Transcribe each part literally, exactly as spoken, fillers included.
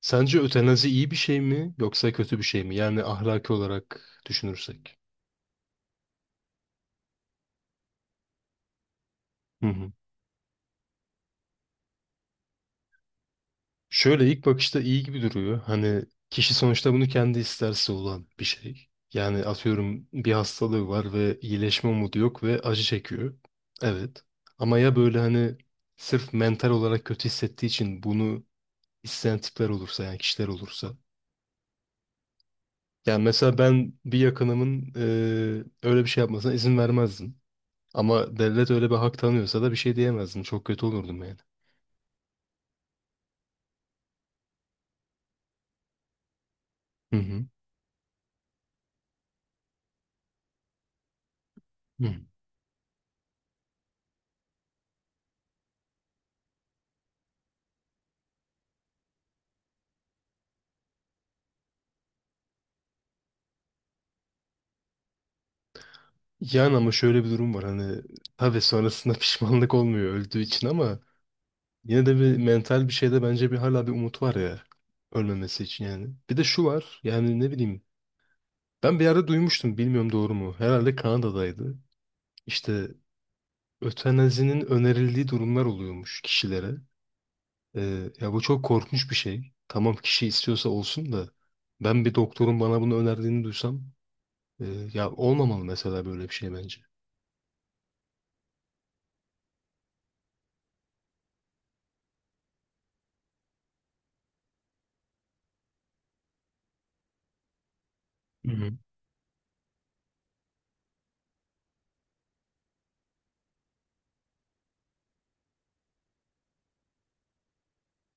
Sence ötenazi iyi bir şey mi yoksa kötü bir şey mi? Yani ahlaki olarak düşünürsek. Hı hı. Şöyle ilk bakışta iyi gibi duruyor. Hani kişi sonuçta bunu kendi isterse olan bir şey. Yani atıyorum bir hastalığı var ve iyileşme umudu yok ve acı çekiyor. Evet. Ama ya böyle hani sırf mental olarak kötü hissettiği için bunu isteyen tipler olursa yani kişiler olursa. Yani mesela ben bir yakınımın eee, öyle bir şey yapmasına izin vermezdim. Ama devlet öyle bir hak tanıyorsa da bir şey diyemezdim. Çok kötü olurdum yani. Hı hı. Hı. Yani ama şöyle bir durum var hani tabii sonrasında pişmanlık olmuyor öldüğü için ama yine de bir mental bir şeyde bence bir hala bir umut var ya ölmemesi için yani. Bir de şu var yani ne bileyim ben bir yerde duymuştum bilmiyorum doğru mu herhalde Kanada'daydı. İşte ötenazinin önerildiği durumlar oluyormuş kişilere. Ee, ya bu çok korkunç bir şey. Tamam kişi istiyorsa olsun da ben bir doktorun bana bunu önerdiğini duysam Ee, ya olmamalı mesela böyle bir şey bence. Hı hı.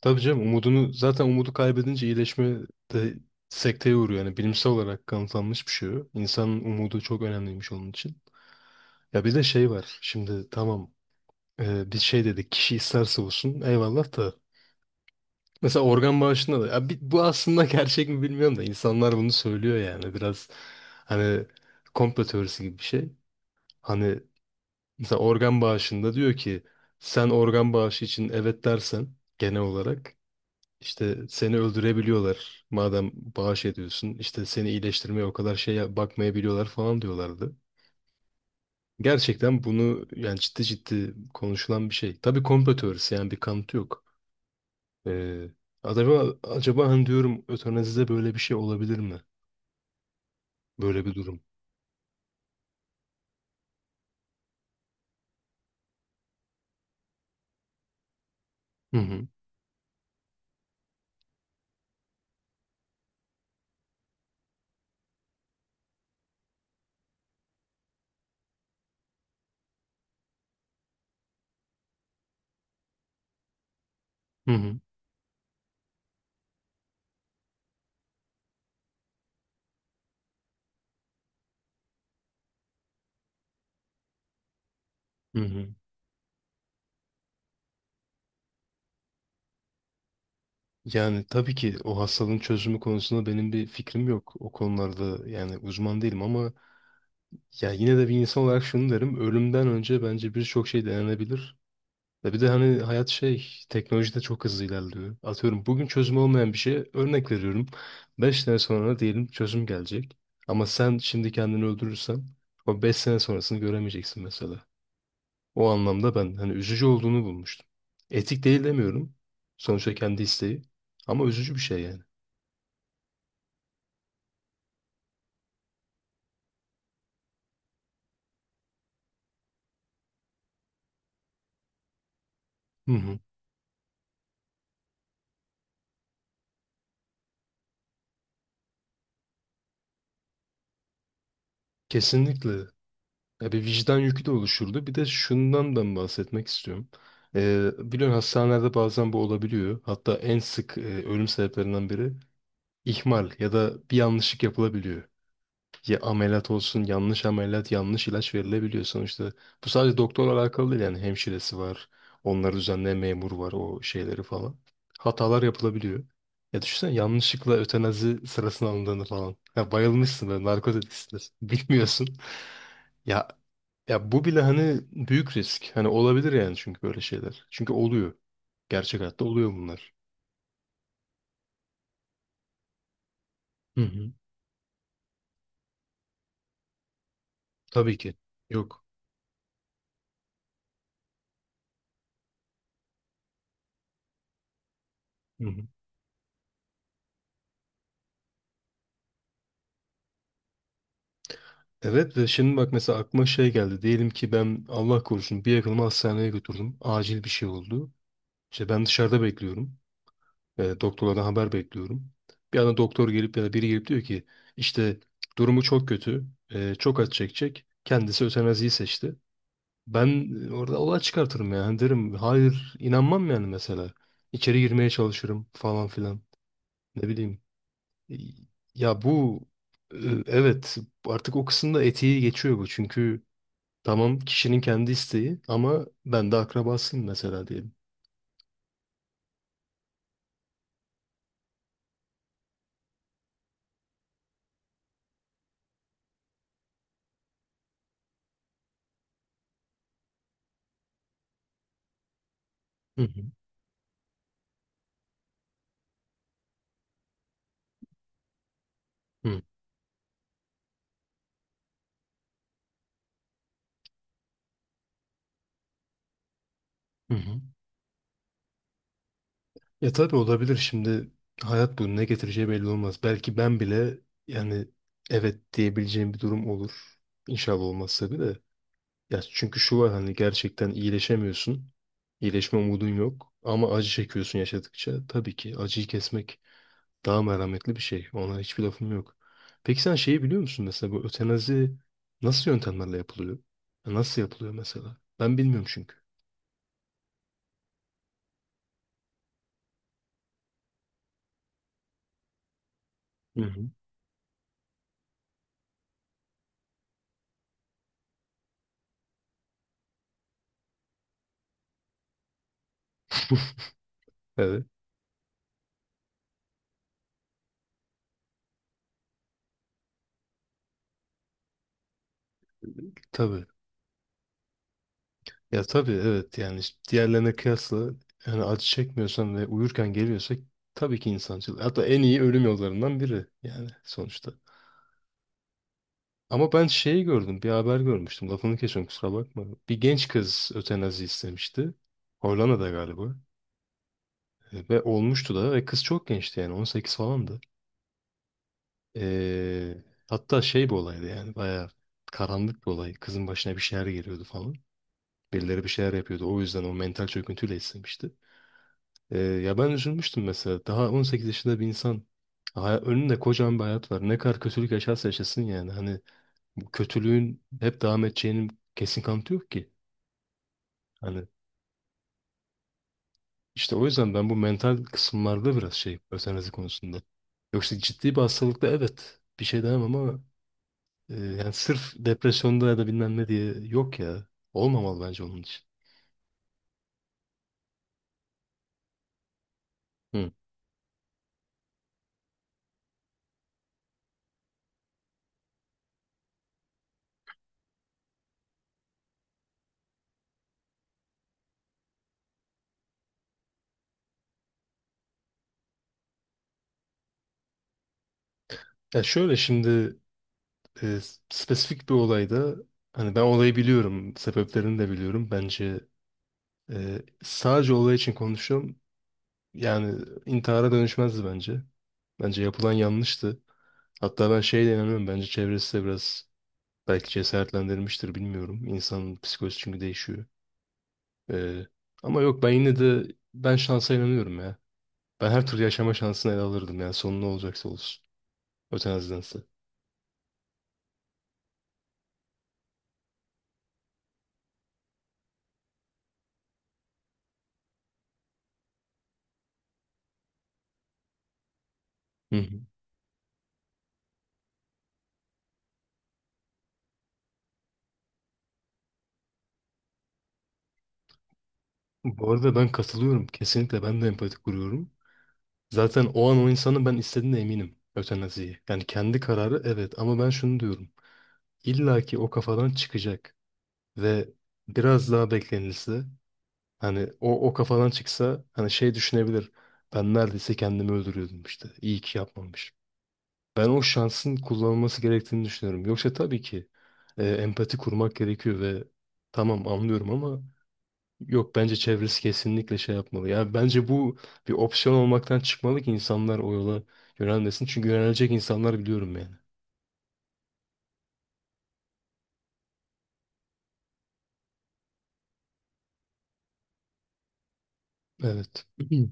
Tabii canım umudunu zaten umudu kaybedince iyileşme de sekteye uğruyor. Yani bilimsel olarak kanıtlanmış bir şey o. İnsanın umudu çok önemliymiş onun için. Ya bir de şey var. Şimdi tamam e, bir şey dedik kişi isterse olsun eyvallah da. Mesela organ bağışında da ya bi- bu aslında gerçek mi bilmiyorum da insanlar bunu söylüyor yani biraz hani komplo teorisi gibi bir şey. Hani mesela organ bağışında diyor ki sen organ bağışı için evet dersen genel olarak işte seni öldürebiliyorlar madem bağış ediyorsun işte seni iyileştirmeye o kadar şeye bakmayabiliyorlar falan diyorlardı. Gerçekten bunu yani ciddi ciddi konuşulan bir şey. Tabii komplo teorisi yani bir kanıtı yok. Ee, acaba, acaba hani diyorum ötanazide böyle bir şey olabilir mi? Böyle bir durum. Hı hı. Hı hı. Hı hı. Yani tabii ki o hastalığın çözümü konusunda benim bir fikrim yok. O konularda yani uzman değilim ama ya yine de bir insan olarak şunu derim. Ölümden önce bence birçok şey denenebilir. Ve bir de hani hayat şey teknoloji de çok hızlı ilerliyor. Atıyorum bugün çözüm olmayan bir şeye örnek veriyorum. Beş sene sonra diyelim çözüm gelecek. Ama sen şimdi kendini öldürürsen o beş sene sonrasını göremeyeceksin mesela. O anlamda ben hani üzücü olduğunu bulmuştum. Etik değil demiyorum. Sonuçta kendi isteği. Ama üzücü bir şey yani. Hı hı. Kesinlikle. Ya bir vicdan yükü de oluşurdu. Bir de şundan ben bahsetmek istiyorum. Ee, biliyorsun hastanelerde bazen bu olabiliyor. Hatta en sık e, ölüm sebeplerinden biri ihmal ya da bir yanlışlık yapılabiliyor. Ya ameliyat olsun yanlış ameliyat yanlış ilaç verilebiliyor sonuçta. Bu sadece doktorla alakalı değil yani hemşiresi var. Onları düzenleyen memur var o şeyleri falan. Hatalar yapılabiliyor. Ya düşünsene yanlışlıkla ötenazi sırasına alındığını falan. Ya bayılmışsın böyle narkotiksindir. Bilmiyorsun. Ya ya bu bile hani büyük risk. Hani olabilir yani çünkü böyle şeyler. Çünkü oluyor. Gerçek hayatta oluyor bunlar. Hı hı. Tabii ki. Yok. Evet ve şimdi bak mesela aklıma şey geldi. Diyelim ki ben Allah korusun bir yakınımı hastaneye götürdüm. Acil bir şey oldu. İşte ben dışarıda bekliyorum. E, doktorlardan haber bekliyorum. Bir anda doktor gelip ya da biri gelip diyor ki işte durumu çok kötü. E, çok acı çekecek. Kendisi ötenaziyi seçti. Ben e, orada olay çıkartırım yani derim. Hayır inanmam yani mesela. İçeri girmeye çalışırım falan filan. Ne bileyim. Ya bu e, evet artık o kısımda etiği geçiyor bu. Çünkü tamam kişinin kendi isteği ama ben de akrabasıyım mesela diyelim. Hı hı. Hı hı. Hı. Ya tabii olabilir şimdi hayat bunu ne getireceği belli olmaz. Belki ben bile yani evet diyebileceğim bir durum olur. İnşallah olmaz tabii de. Ya çünkü şu var hani gerçekten iyileşemiyorsun. İyileşme umudun yok ama acı çekiyorsun yaşadıkça. Tabii ki acıyı kesmek daha merhametli bir şey. Ona hiçbir lafım yok. Peki sen şeyi biliyor musun mesela bu ötenazi nasıl yöntemlerle yapılıyor? Nasıl yapılıyor mesela? Ben bilmiyorum çünkü. Hı hı. Evet. Tabii. Ya tabii evet yani işte diğerlerine kıyasla yani acı çekmiyorsan ve uyurken geliyorsa tabii ki insancıl. Hatta en iyi ölüm yollarından biri yani sonuçta. Ama ben şeyi gördüm bir haber görmüştüm lafını kesiyorum kusura bakma. Bir genç kız ötenazi istemişti. Hollanda'da galiba. E, Ve olmuştu da ve kız çok gençti yani on sekiz falandı. Ee, hatta şey bir olaydı yani bayağı karanlık bir olay. Kızın başına bir şeyler geliyordu falan. Birileri bir şeyler yapıyordu. O yüzden o mental çöküntüyle istemişti. Ee, ya ben üzülmüştüm mesela. Daha on sekiz yaşında bir insan hay- önünde kocaman bir hayat var. Ne kadar kötülük yaşarsa yaşasın yani. Hani bu kötülüğün hep devam edeceğinin kesin kanıtı yok ki. Hani işte o yüzden ben bu mental kısımlarda biraz şey özenlezi konusunda. Yoksa ciddi bir hastalıkta evet bir şey demem ama Ee, yani sırf depresyonda ya da bilmem ne diye yok ya. Olmamalı bence onun için. Hı. Ya şöyle şimdi e, spesifik bir olayda hani ben olayı biliyorum, sebeplerini de biliyorum. Bence e, sadece olay için konuşuyorum. Yani intihara dönüşmezdi bence. Bence yapılan yanlıştı. Hatta ben şeye de inanıyorum. Bence çevresi de biraz belki cesaretlendirmiştir bilmiyorum. İnsanın psikolojisi çünkü değişiyor. Ee, ama yok ben yine de ben şansa inanıyorum ya. Ben her türlü yaşama şansını ele alırdım yani sonu ne olacaksa olsun. Ötenazidense. Hı hı. Bu arada ben katılıyorum. Kesinlikle ben de empati kuruyorum. Zaten o an o insanın ben istediğine eminim. Ötenaziyi. Yani kendi kararı evet ama ben şunu diyorum. İlla ki o kafadan çıkacak ve biraz daha beklenilse hani o o kafadan çıksa hani şey düşünebilir. Ben neredeyse kendimi öldürüyordum işte. İyi ki yapmamış. Ben o şansın kullanılması gerektiğini düşünüyorum. Yoksa tabii ki e, empati kurmak gerekiyor ve tamam anlıyorum ama yok bence çevresi kesinlikle şey yapmalı. Yani bence bu bir opsiyon olmaktan çıkmalı ki insanlar o yola yönelmesin. Çünkü yönelecek insanlar biliyorum yani. Evet.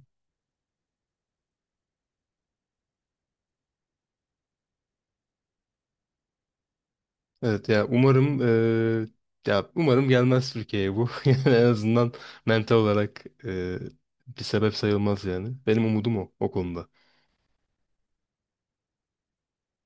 Evet ya umarım eee, ya umarım gelmez Türkiye'ye bu. Yani en azından mental olarak eee, bir sebep sayılmaz yani. Benim umudum o o konuda.